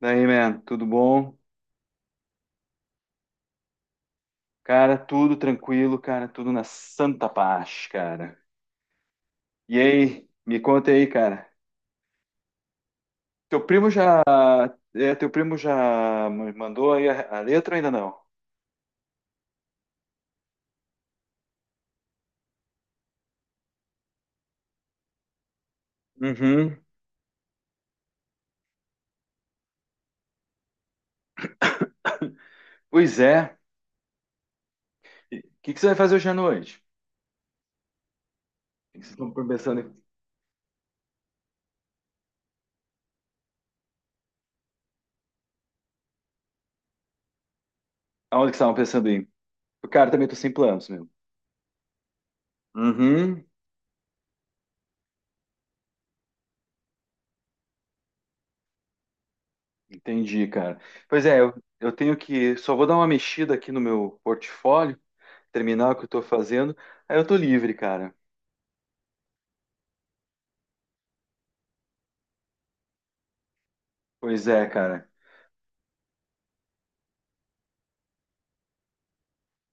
Daí, man, tudo bom? Cara, tudo tranquilo, cara, tudo na santa paz, cara. E aí, me conta aí, cara. Teu primo já, teu primo já me mandou aí a letra ou ainda não? Uhum. Pois é. O que que você vai fazer hoje à noite? O que que vocês estão pensando? Aonde que vocês estavam pensando em? Cara, também tô sem planos, meu. Uhum. Entendi, cara. Pois é, eu tenho que. Só vou dar uma mexida aqui no meu portfólio, terminar o que eu tô fazendo, aí eu tô livre, cara. Pois é, cara.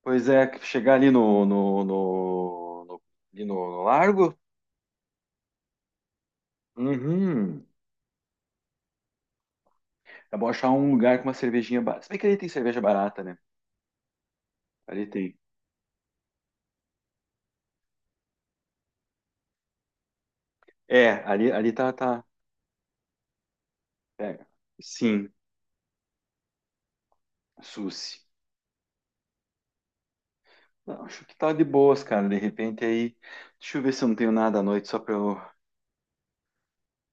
Pois é, que chegar ali no largo. Uhum. É bom achar um lugar com uma cervejinha barata. Se bem que ali tem cerveja barata, né? Ali tem. É, ali tá, tá. é, Sim, Suzy. Não, acho que tá de boas, cara. De repente aí. Deixa eu ver se eu não tenho nada à noite, só pra eu.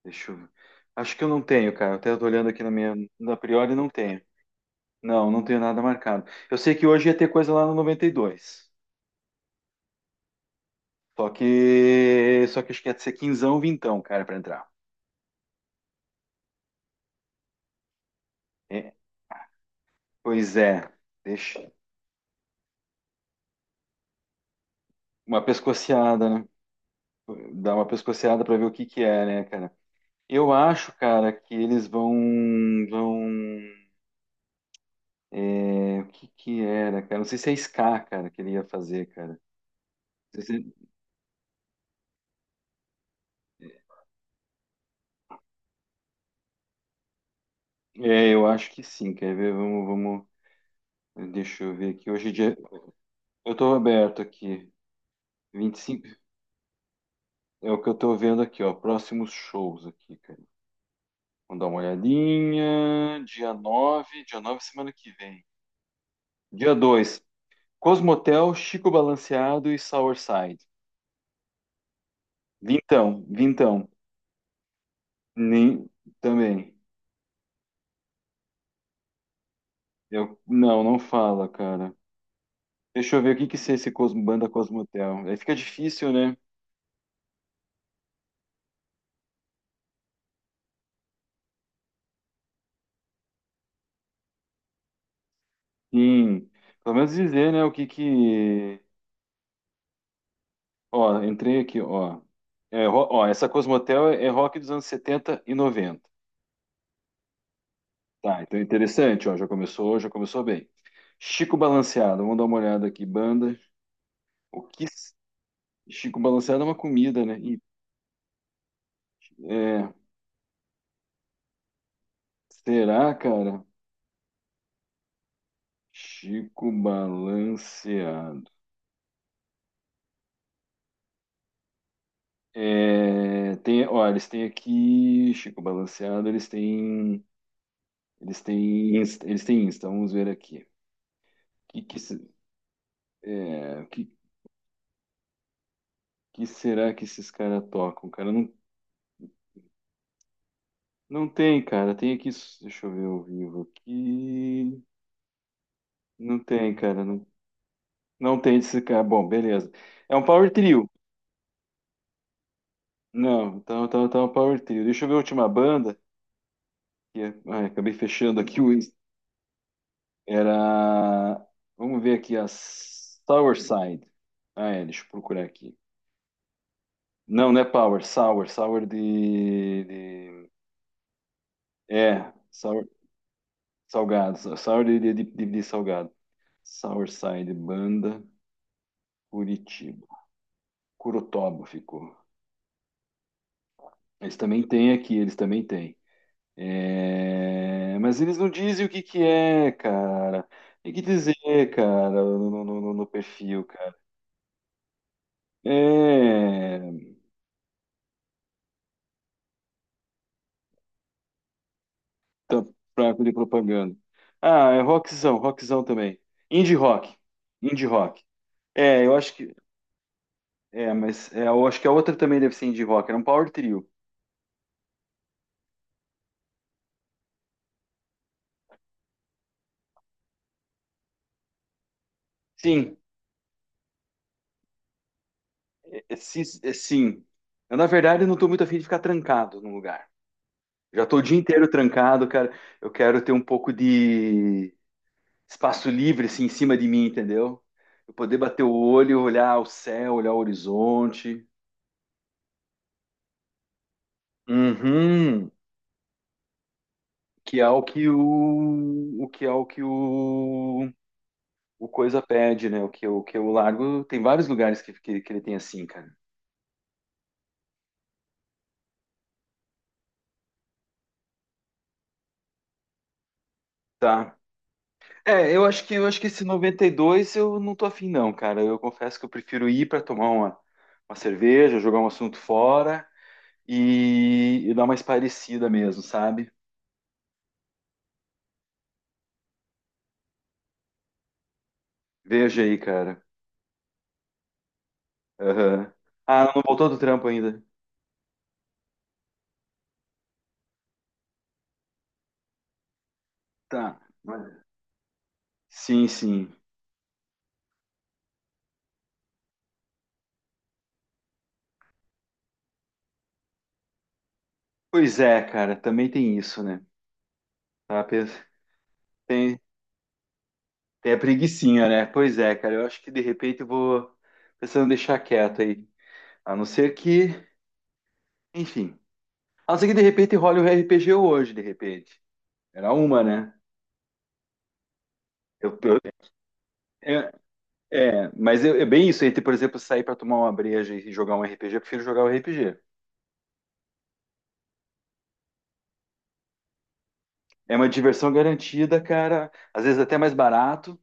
Deixa eu. Acho que eu não tenho, cara. Até eu tô olhando aqui na minha. Na priori não tenho. Não, não tenho nada marcado. Eu sei que hoje ia ter coisa lá no 92. Só que acho que ia ser quinzão, vintão, cara, pra entrar. É. Pois é. Deixa. Uma pescoceada, né? Dá uma pescoceada pra ver o que que é, né, cara? Eu acho, cara, que eles vão. Vão. O que que era, cara? Não sei se é Ska, cara, que ele ia fazer, cara. Não sei se- É, eu acho que sim. Quer ver? Vamos, vamos. Deixa eu ver aqui. Hoje em dia. Eu tô aberto aqui. 25. É o que eu tô vendo aqui, ó. Próximos shows aqui, cara. Vamos dar uma olhadinha. Dia nove, semana que vem. Dia 2. Cosmotel, Chico Balanceado e Sourside. Vintão, vintão. Nem também. Eu não, não fala, cara. Deixa eu ver o que que é esse Cosmo, banda Cosmotel. Aí fica difícil, né? Sim. Pelo menos dizer, né, o que que. Ó, entrei aqui, ó. É, ó, essa Cosmotel é rock dos anos 70 e 90. Tá, então é interessante, ó, já começou bem. Chico Balanceado, vamos dar uma olhada aqui, banda. O que s- Chico Balanceado é uma comida, né? E, é, será, cara? Chico Balanceado. É, tem, ó, eles têm aqui Chico Balanceado, eles têm Insta. Vamos ver aqui. Que se- é, que será que esses caras tocam? Cara, não, não tem, cara. Tem aqui, deixa eu ver ao vivo aqui. Não tem, cara. Não, não tem esse cara. Bom, beleza. É um power trio. Não, então tá, tá um power trio. Deixa eu ver a última banda. Ai, acabei fechando aqui o Insta. Era. Vamos ver aqui a Sour Side. Ah, é, deixa eu procurar aqui. Não, não é Power, Sour, Sour de, Sour, salgado, Sour de salgado. Sour Side, banda, Curitiba. Curutoba ficou. Eles também têm aqui, eles também têm. É, mas eles não dizem o que que é, cara. Tem que dizer, cara, no perfil, cara. É, tá, fraco de propaganda. Ah, é rockzão, rockzão também. Indie rock, indie rock. É, eu acho que, eu acho que a outra também deve ser indie rock. Era um power trio. Sim, sim. Eu, na verdade, eu não estou muito afim de ficar trancado num lugar. Já estou o dia inteiro trancado, cara. Eu quero ter um pouco de espaço livre assim em cima de mim, entendeu? Eu poder bater o olho, olhar o céu, olhar o horizonte. Uhum. Que é o que o coisa pede, né? O que o que o largo. Tem vários lugares que ele tem assim, cara. Tá. É, eu acho que esse 92 eu não tô afim não, cara. Eu confesso que eu prefiro ir para tomar uma cerveja, jogar um assunto fora e dar uma espairecida mesmo, sabe? Veja aí, cara. Aham. Ah, não voltou do trampo ainda. Tá. Sim, sim. Pois é, cara, também tem isso, né? Tá, tem, tem a preguicinha, né? Pois é, cara, eu acho que de repente eu vou pensando em deixar quieto aí. A não ser que, enfim. A não ser que de repente role o RPG hoje, de repente. Era uma, né? Eu, eu- é, é bem isso, entre, por exemplo, sair pra tomar uma breja e jogar um RPG, eu prefiro jogar o RPG. É uma diversão garantida, cara. Às vezes até mais barato.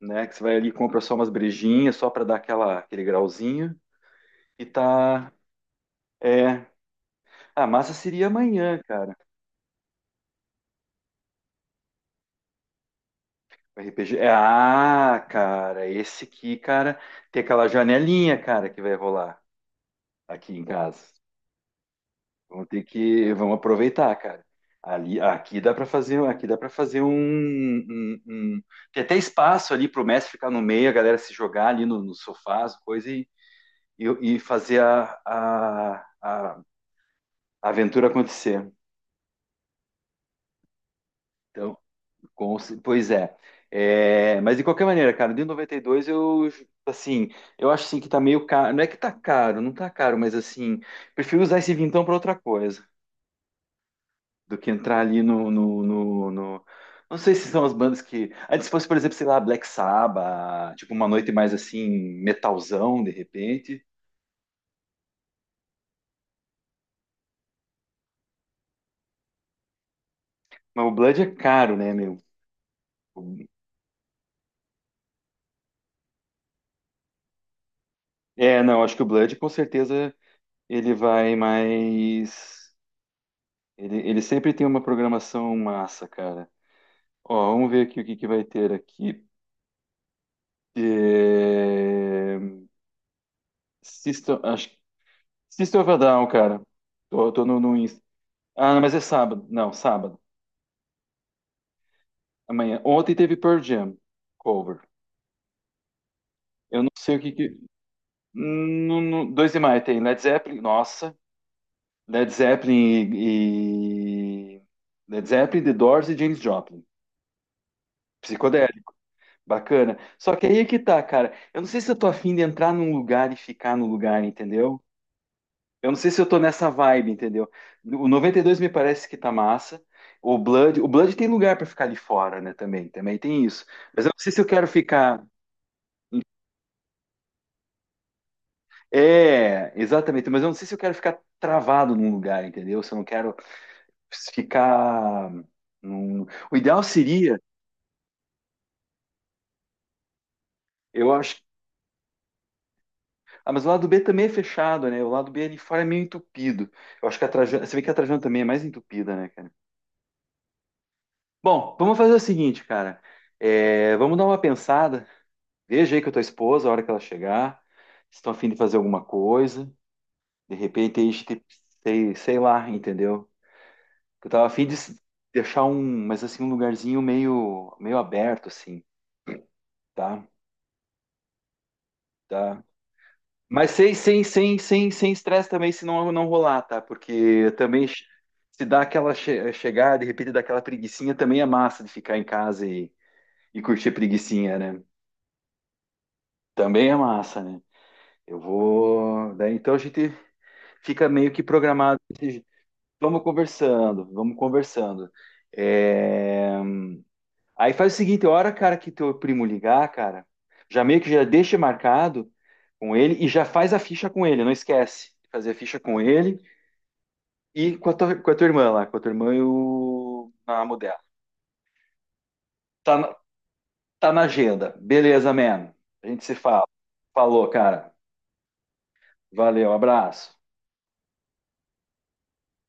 Né? Que você vai ali e compra só umas brejinhas, só para dar aquela, aquele grauzinho. E tá. É. Ah, massa seria amanhã, cara. O RPG. É, ah, cara, esse aqui, cara, tem aquela janelinha, cara, que vai rolar aqui em casa. Vamos ter que. Vamos aproveitar, cara. Ali, aqui dá para fazer tem até espaço ali para o mestre ficar no meio, a galera se jogar ali no sofá, as coisas e, e fazer a aventura acontecer. Então, pois é. É, mas de qualquer maneira, cara, de 92 assim, eu acho assim que tá meio caro. Não é que tá caro, não tá caro, mas assim, prefiro usar esse vintão pra outra coisa do que entrar ali Não sei se são as bandas que. Antes fosse, por exemplo, sei lá, Black Sabbath, tipo uma noite mais assim, metalzão, de repente. Mas o Blood é caro, né, meu? É, não, acho que o Blood com certeza ele vai mais. Ele sempre tem uma programação massa, cara. Ó, vamos ver aqui o que, que vai ter aqui. É, System, acho... que- System of a Down, cara. Tô no Insta. Ah, mas é sábado. Não, sábado. Amanhã. Ontem teve Pearl Jam cover. Eu não sei o que que... No 2 de maio tem Led Zeppelin. Nossa. Led Zeppelin e... e- Led Zeppelin, The Doors e James Joplin. Psicodélico. Bacana. Só que aí é que tá, cara. Eu não sei se eu tô afim de entrar num lugar e ficar no lugar, entendeu? Eu não sei se eu tô nessa vibe, entendeu? O 92 me parece que tá massa. O Blood tem lugar pra ficar de fora, né? Também tem isso. Mas eu não sei se eu quero ficar. É, exatamente. Mas eu não sei se eu quero ficar travado num lugar, entendeu? Se eu não quero ficar. O ideal seria, eu acho. Ah, mas o lado B também é fechado, né? O lado B ali fora é meio entupido. Eu acho que a Trajano, você vê que a Trajano também é mais entupida, né, cara? Bom, vamos fazer o seguinte, cara. É, vamos dar uma pensada. Veja aí com a tua esposa a hora que ela chegar, se estão afim de fazer alguma coisa. De repente, aí, a gente, sei lá, entendeu? Eu tava afim de s- deixar um, mas assim, um lugarzinho meio aberto, assim, tá? Tá. Mas sem estresse também, se não rolar, tá? Se dá aquela chegar, de repente, daquela preguicinha, também é massa de ficar em casa e curtir a preguicinha, né? Também é massa, né? Eu vou. Daí, então a gente fica meio que programado esses. Vamos conversando, vamos conversando. É. Aí faz o seguinte, a hora, cara, que teu primo ligar, cara, já meio que já deixa marcado com ele e já faz a ficha com ele, não esquece. Fazer a ficha com ele e com a tua irmã lá, com a tua irmã e o amo dela. Tá na, tá na agenda. Beleza, man. A gente se fala. Falou, cara. Valeu, abraço.